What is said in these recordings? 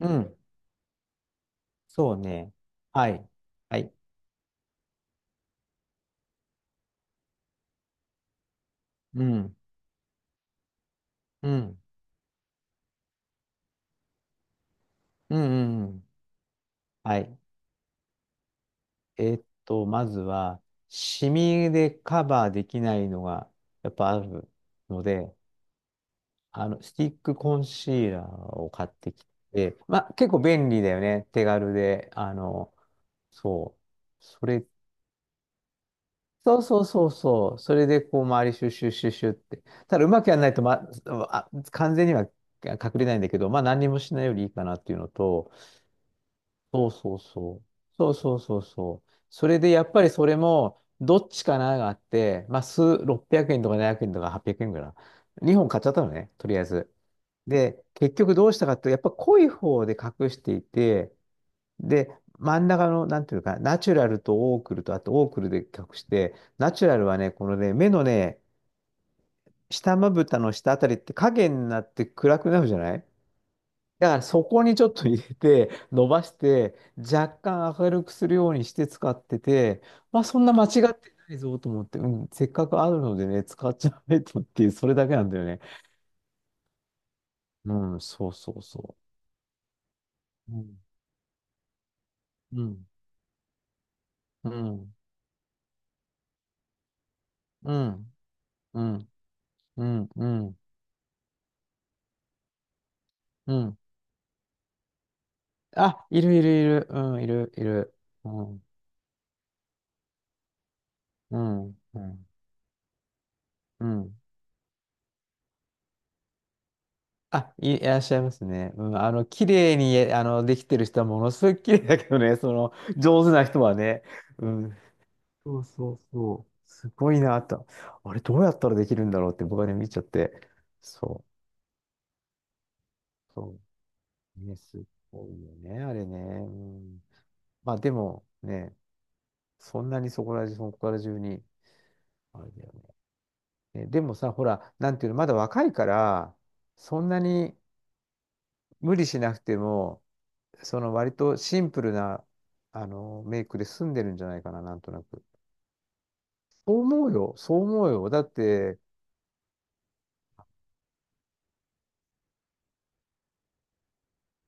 うん。そうね。はい。はい。うん。うん。うんうんうん。はい。まずは、シミでカバーできないのが、やっぱあるので、スティックコンシーラーを買ってきて、まあ、結構便利だよね。手軽で。そう。それ、そうそうそうそう。それで、こう、周りシュッシュッシュッシュッって。ただ、うまくやらないと、ま、あ、完全には隠れないんだけど、まあ、何にもしないよりいいかなっていうのと、そうそうそう。そうそうそうそう。それでやっぱりそれも、どっちかながあって、まあ、数、600円とか700円とか800円ぐらいかな。2本買っちゃったのね、とりあえず。で、結局どうしたかっていうと、やっぱ濃い方で隠していて、で、真ん中の、なんていうか、ナチュラルとオークルと、あとオークルで隠して、ナチュラルはね、このね、目のね、下まぶたの下あたりって影になって暗くなるじゃない。だからそこにちょっと入れて、伸ばして、若干明るくするようにして使ってて、まあそんな間違ってないぞと思って、うん、せっかくあるのでね、使っちゃえとっていう、それだけなんだよね。うん、そうそうそう。うん、うん、うん、うん、うん、うん、うん。うん、あ、いるいるいる、うん、いるいる。うん、うん、うん、うん。あ、い、いらっしゃいますね。うん、綺麗に、えできてる人はものすごい綺麗だけどね、その、上手な人はね。うん。そうそうそう。すごいなと。あれ、どうやったらできるんだろうって僕はね、見ちゃって。そう。そう。ね、すごいよね、あれね。うん。まあ、でもね、そんなにそこら中、そこら中に、あれだよね。ね、でもさ、ほら、なんていうの、まだ若いから、そんなに無理しなくても、その割とシンプルな、メイクで済んでるんじゃないかな、なんとなく。そう思うよ、そう思うよ。だって、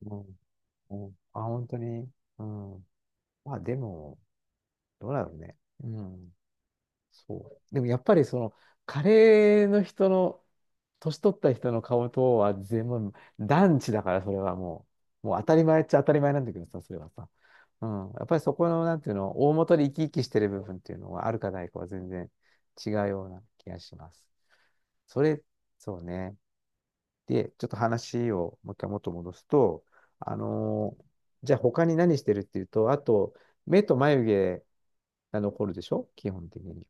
うん、うん、あ、本当に、うん。まあでも、どうだろうね。うん。そう。でもやっぱりその、カレーの人の、年取った人の顔とは全部、団地だから、それはもう、もう当たり前っちゃ当たり前なんだけどさ、それはさ。うん。やっぱりそこの、なんていうの、大元で生き生きしてる部分っていうのは、あるかないかは全然違うような気がします。それ、そうね。で、ちょっと話をもう一回元戻すと、あのーじゃあ他に何してるっていうと、あと、目と眉毛が残るでしょ基本的に。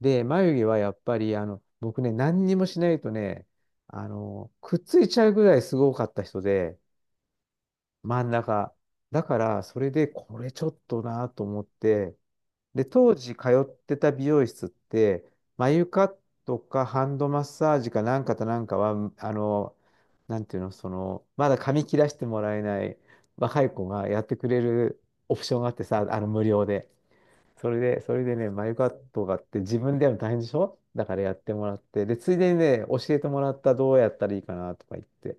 で、眉毛はやっぱり、僕ね、何にもしないとね、くっついちゃうぐらいすごかった人で、真ん中。だから、それで、これちょっとなと思って、で、当時通ってた美容室って、眉カットかハンドマッサージかなんかとなんかは、なんていうの、その、まだ髪切らしてもらえない若い子がやってくれるオプションがあってさ、無料で。それで、それでね、眉カットがあって自分でやるの大変でしょだからやってもらって、で、ついでにね、教えてもらったどうやったらいいかなとか言って、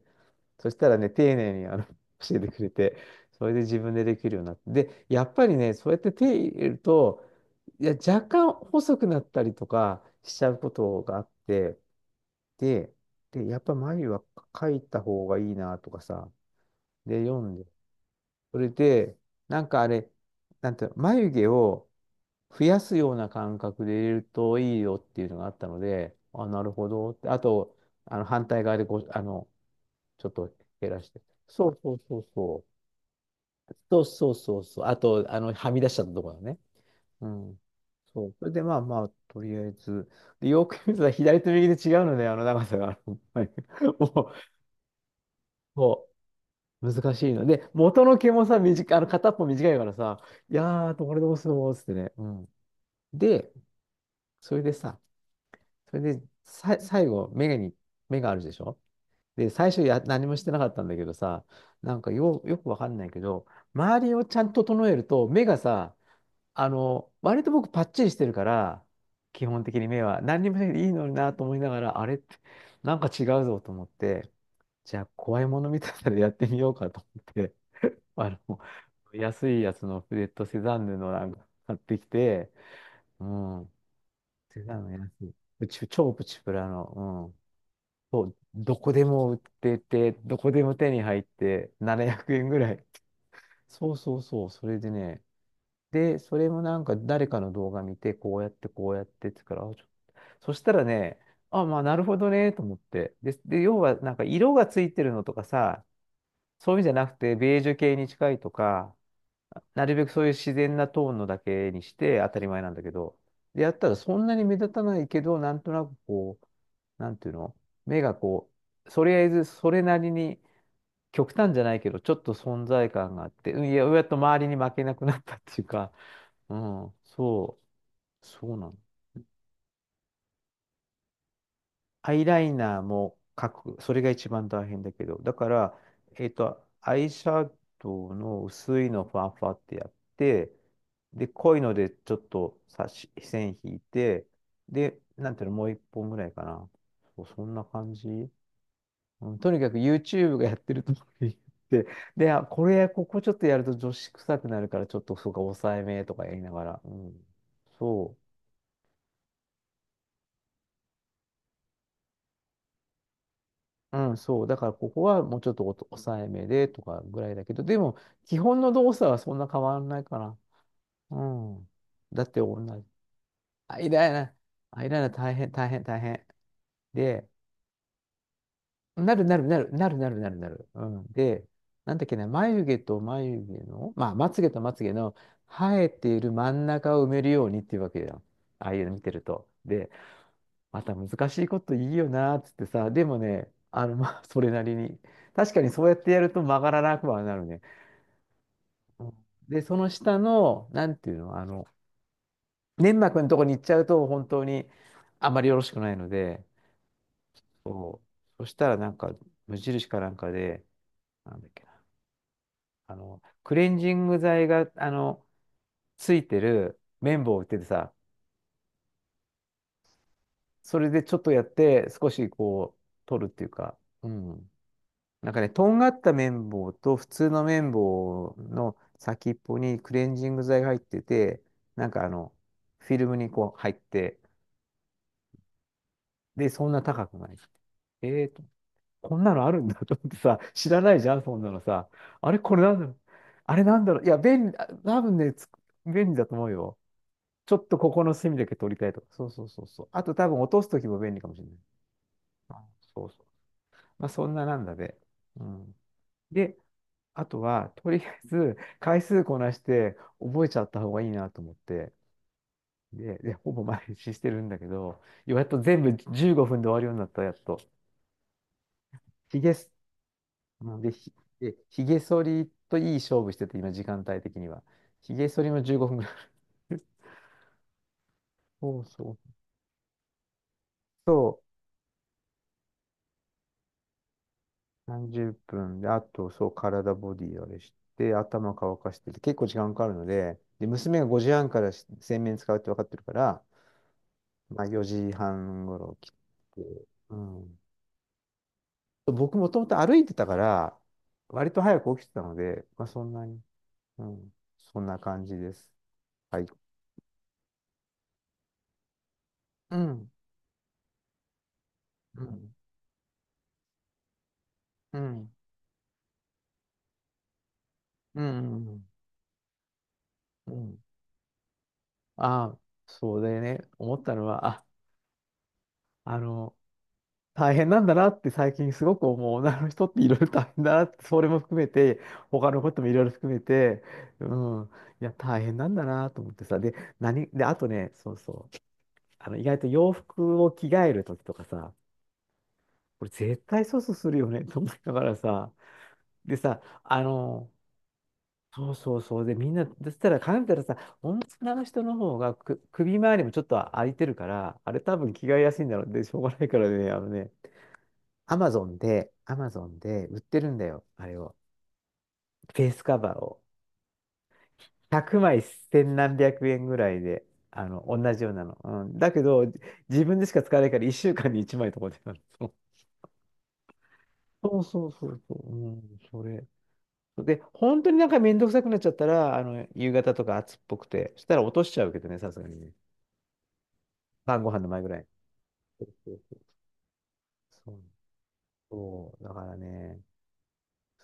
そしたらね、丁寧に教えてくれて、それで自分でできるようになって、で、やっぱりね、そうやって手入れると、いや、若干細くなったりとかしちゃうことがあって、で、で、やっぱ眉は書いた方がいいなとかさ、で、読んで、それで、なんかあれ、なんていうの眉毛を増やすような感覚で入れるといいよっていうのがあったので、あ、なるほどって。あと、あの反対側でこう、ちょっと減らして。そうそうそうそう。そうそうそうそう。あと、はみ出しちゃったところだね。うん。そう。それで、まあまあ、とりあえず。で、よく見ると左と右で違うので、あの長さが。もう、もう難しいの。で、元の毛もさ、短い、片っぽ短いからさ、いやー、どれどうするのつってね。うん。で、それでさ、それで、さ、最後、目がに、目があるでしょ。で、最初や、何もしてなかったんだけどさ、なんかよ、よくわかんないけど、周りをちゃんと整えると、目がさ、割と僕パッチリしてるから、基本的に目は、何にもしなくていいのになと思いながら、あれって、なんか違うぞと思って、じゃあ、怖いもの見たさでやってみようかと思って。あの、安いやつのフレットセザンヌのなんか買ってきて、うん、セザンヌ安い。プチ超プチプラの、うん。そう、どこでも売ってて、どこでも手に入って、700円ぐらい。そうそうそう、それでね。で、それもなんか誰かの動画見て、こうやって、こうやってってから、あ、ちょそしたらね、あ、まあ、なるほどね、と思って。で、で、要はなんか色がついてるのとかさ、そういうんじゃなくて、ベージュ系に近いとか、なるべくそういう自然なトーンのだけにして当たり前なんだけど、で、やったらそんなに目立たないけど、なんとなくこう、なんていうの、目がこう、とりあえずそれなりに極端じゃないけど、ちょっと存在感があって、うん、いや、やっと周りに負けなくなったっていうか、うん、そう、そうなんだ。アイライナーも描く。それが一番大変だけど。だから、えっと、アイシャドウの薄いのをファンファってやって、で、濃いのでちょっと差し、線引いて、で、なんていうの、もう一本ぐらいかな。そう、そんな感じ。うん、とにかく YouTube がやってるとこに行って、で、あ、これ、ここちょっとやると女子臭くなるから、ちょっとそうか、抑えめとか言いながら。うん、そう。うん、そう。だからここはもうちょっとおと抑えめでとかぐらいだけど、でも基本の動作はそんな変わらないかな。うん。だって同じ。アイライナー、アイライナー大変、大変、大変。で、なるなるなる、なるなるなるなる。うん。で、なんだっけな、眉毛と眉毛の、まあ、まつ毛とまつ毛の生えている真ん中を埋めるようにっていうわけじゃん。ああいうの見てると。で、また難しいこといいよなーっつってさ、でもね、まあ、それなりに。確かにそうやってやると曲がらなくはなるね。うん。で、その下の、なんていうの、粘膜のとこに行っちゃうと、本当にあまりよろしくないので。そう、そしたらなんか、無印かなんかで、なんだっけな、クレンジング剤が、ついてる綿棒を売っててさ。それでちょっとやって、少しこう、取るっていうか、うん。なんかね、とんがった綿棒と普通の綿棒の先っぽにクレンジング剤が入ってて、なんかあの、フィルムにこう入って、で、そんな高くない。えーと、こんなのあるんだと思ってさ、知らないじゃん、そんなのさ。あれ、これなんだろう。あれなんだろう。いや、便利、あ多分ね、つ便利だと思うよ。ちょっとここの隅だけ取りたいとか。そうそうそうそう。あと多分落とすときも便利かもしれない。あ、そうそう。まあ、そんななんだで。うん。で、あとは、とりあえず、回数こなして覚えちゃった方がいいなと思って、で、ほぼ毎日してるんだけど、やっと全部15分で終わるようになった、やっと。ひげす、で、ひ、で、ひげ剃りといい勝負してて、今、時間帯的には。ひげ剃りも15分ぐらい。そうそう。そう、30分で、あと、そう、体ボディあれして、頭乾かしてて、結構時間かかるので、で、娘が5時半から洗面使うって分かってるから、まあ、4時半ごろ来て、うん。僕もともと歩いてたから、割と早く起きてたので、まあ、そんなに、うん、そんな感じです。はい。うん、うん、うん、うん、うん。うん、ああ、そうでね、思ったのは、あの、大変なんだなって最近すごく思う。女の人っていろいろ大変だなって、それも含めて、他のこともいろいろ含めて、うん、いや、大変なんだなと思ってさ。で、あとね、そうそう。意外と洋服を着替えるときとかさ、これ絶対粗相するよね と思いながらさ、でさ、そうそうそう、で、みんな、そしたら考えたらさ、女の人の方がく首周りもちょっと空いてるから、あれ多分着替えやすいんだろう。で、しょうがないからね、あのね、アマゾンで売ってるんだよ、あれを。フェイスカバーを。100枚千何百円ぐらいで、あの、同じようなの。うん、だけど、自分でしか使わないから1週間に1枚とかで。そうそうそうそう。うん、それ。で、本当になんかめんどくさくなっちゃったら、あの、夕方とか暑っぽくて、そしたら落としちゃうけどね、さすがにね。晩ご飯の前ぐらい。そうそうそう。そうそう、だからね、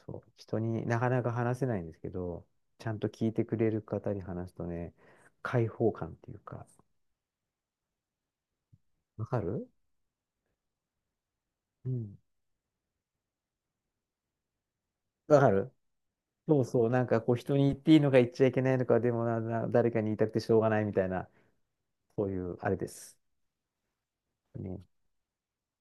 そう、人になかなか話せないんですけど、ちゃんと聞いてくれる方に話すとね、解放感っていうか、わかる、うん。わかる、そうそう、なんかこう人に言っていいのか言っちゃいけないのか、でもな、誰かに言いたくてしょうがないみたいな、そういうあれです。ね